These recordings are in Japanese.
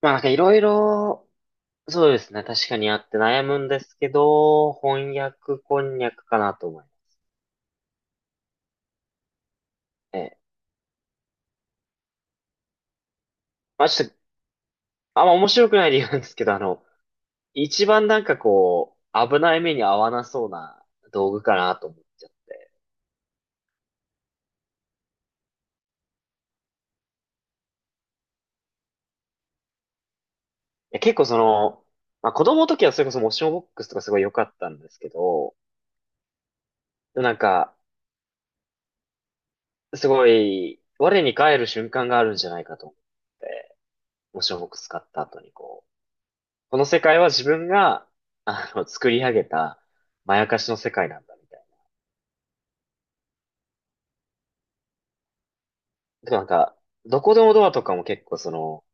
まあいろいろ、そうですね。確かにあって悩むんですけど、翻訳こんにゃくかなと思いますね。まあちょっと、あんま面白くない理由なんですけど、一番こう、危ない目に遭わなそうな道具かなと思っちゃって。いや結構その、まあ子供の時はそれこそモーションボックスとかすごい良かったんですけど、でもなんか、すごい、我に返る瞬間があるんじゃないかと思って、モーションボックス使った後にこう、この世界は自分が、作り上げた、まやかしの世界なんだ、みたいな。でもなんか、どこでもドアとかも結構その、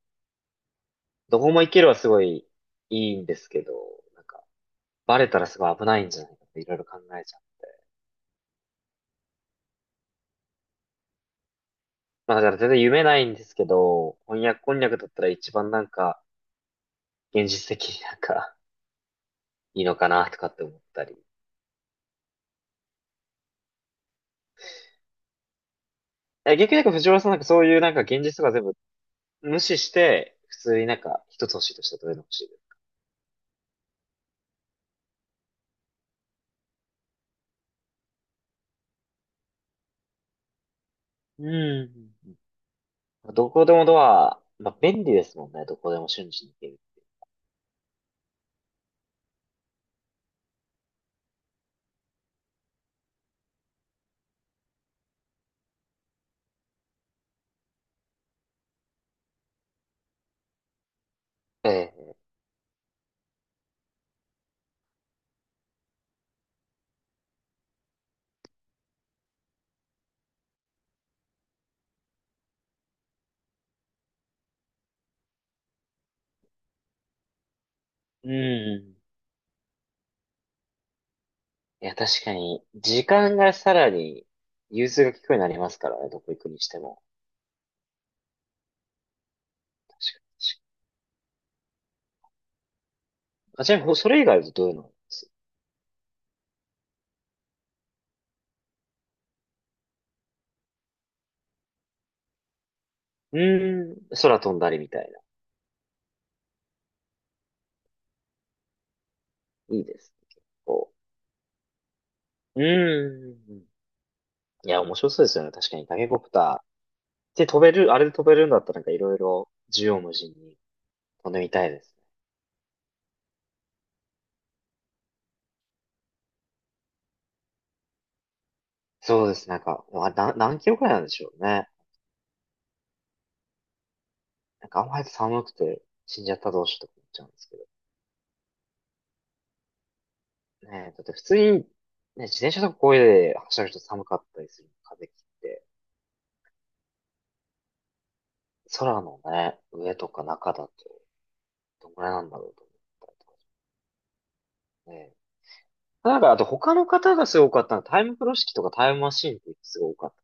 どこも行けるはすごいいいんですけど、なんか、バレたらすごい危ないんじゃないかっていろいろ考えちゃう。まあだから全然夢ないんですけど、翻訳こんにゃくだったら一番、現実的に、いいのかなとかって思ったり。え、逆に藤原さんそういう現実とか全部無視して、普通に一つ欲しいとしたらどれが欲しいですか？うん。どこでもドア、まあ、便利ですもんね。どこでも瞬時に行ける。ええ。うん。いや、確かに、時間がさらに、融通が利くようになりますからね。どこ行くにしても。確かに。確かにあ、ちなみに、ほそれ以外だとどういうのがあります？うーん。空飛んだりみたいな。いいですね。結構。うーん。いや、面白そうですよね。確かに、タケコプター。で、飛べる、あれで飛べるんだったら、いろいろ、縦横無尽に飛んでみたいですね。そうです。なんか、まあな、何キロくらいなんでしょうね。なんかあんまり寒くて死んじゃったらどうしようとか思っちゃうんですけど。ねえ、だって普通に、ね、自転車とかこういうで走ると寒かったりする風切って、空のね、上とか中だとどんぐらいなんだろうと思ったりとかね。なんかあと他の方がすごかったのはタイム風呂敷とかタイムマシーンってすごい多かっ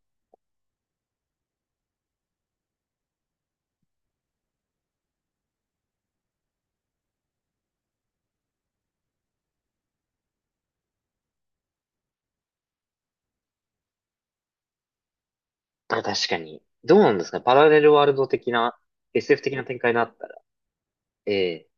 た。だから確かに、どうなんですかね、パラレルワールド的な、SF 的な展開になったら。ええ。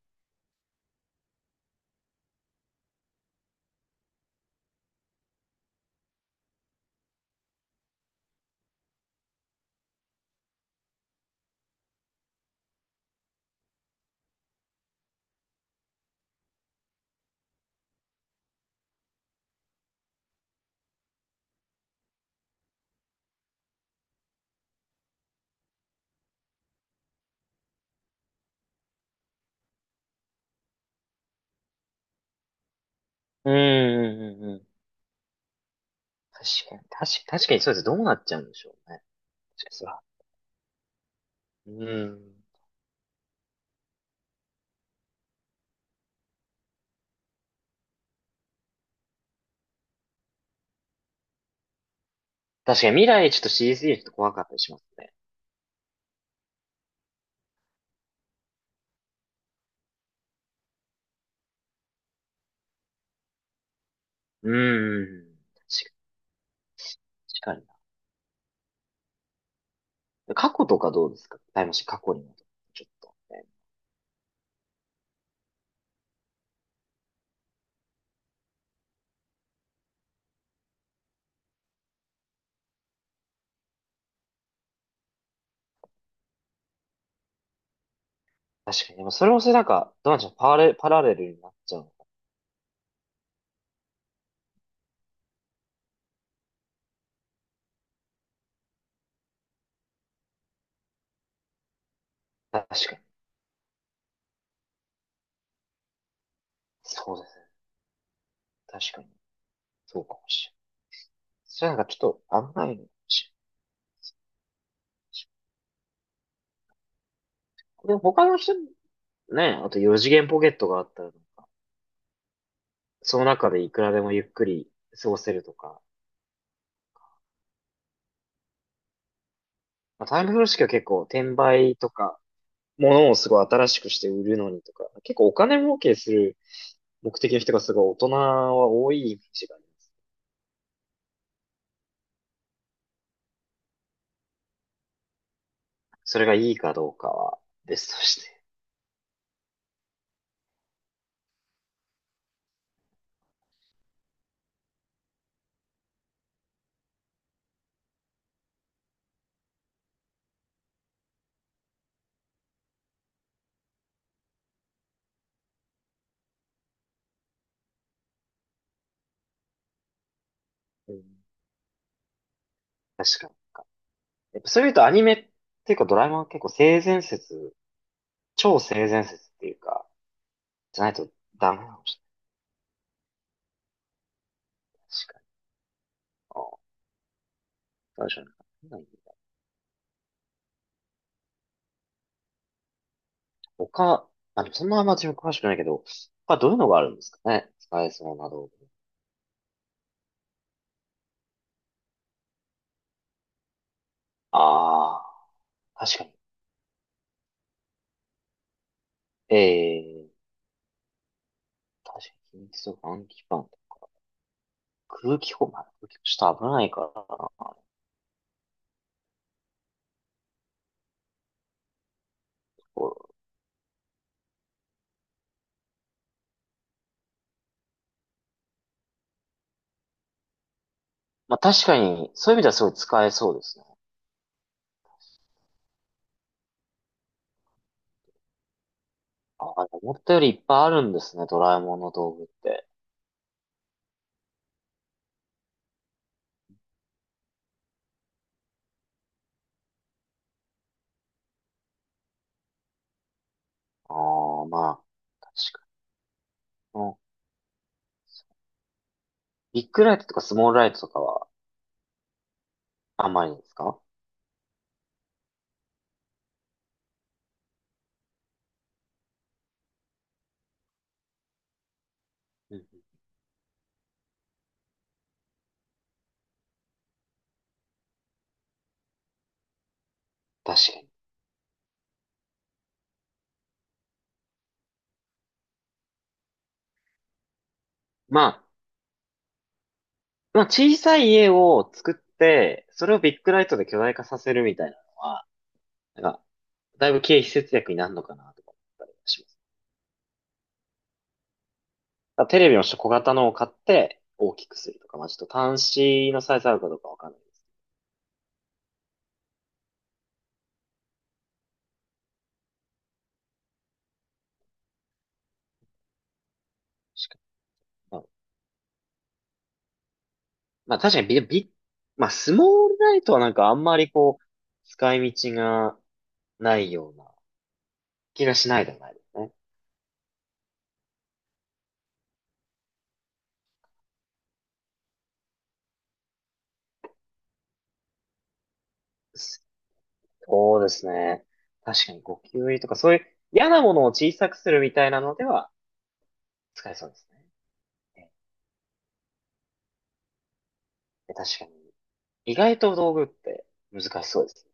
うん、うん、うん、うん。確かに、確かに、確かにそうです。どうなっちゃうんでしょうね。確かにそら。うん。確かに未来ちょっと CG ちょっと怖かったりしますね。うーん。確かにかな。過去とかどうですかタイムマシン過去に戻ってちょっと、ね。確かに。でもそれもそれなんか、どうなんでしょう。パラレ、パラレルになっちゃうのか。確かに。そうですね。確かに。そうかもしれない。それなんかちょっと危ないのかもしれない。でも他の人、ね、あと四次元ポケットがあったら、その中でいくらでもゆっくり過ごせるとか。まあ、タイム風呂式は結構転売とか、物をすごい新しくして売るのにとか、結構お金儲けする目的の人がすごい大人は多いイメージがある。それがいいかどうかは別として。うん。確かに。やっぱそういうとアニメっていうかドラえもんは結構性善説、超性善説っていうか、じゃないとダメなのかもしれない確かに。ああ、確かに。なんだ他、まあ、でもそんなあんま自分詳しくないけど、他どういうのがあるんですかね使えそうな道具。ああ、確かに。ええ確かに。秘密とか暗記パン。空気砲、まあ、空気砲ちょっと危ないからな。まあ確かに、そういう意味ではすごい使えそうですね。あ、思ったよりいっぱいあるんですね、ドラえもんの道具って。ああ、まあ、確かに。うんビッグライトとかスモールライトとかはあんまりですか？うんうん。確かに。まあ、まあ小さい家を作って、それをビッグライトで巨大化させるみたいなのは、なんか、だいぶ経費節約になるのかなとか思ったりします。だからテレビの小型のを買って大きくするとか、まあちょっと端子のサイズあるかどうかわかんないです。確かにまあ確かにまあスモールライトはなんかあんまりこう、使い道がないような気がしないでもないですね。そうですね。確かにゴキブリとかそういう嫌なものを小さくするみたいなのでは使えそうですね。ええ確かに。意外と道具って難しそうです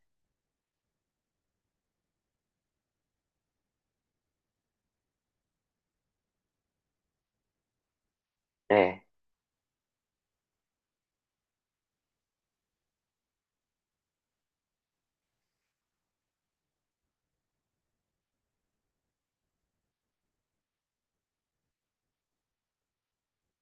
ね。ええ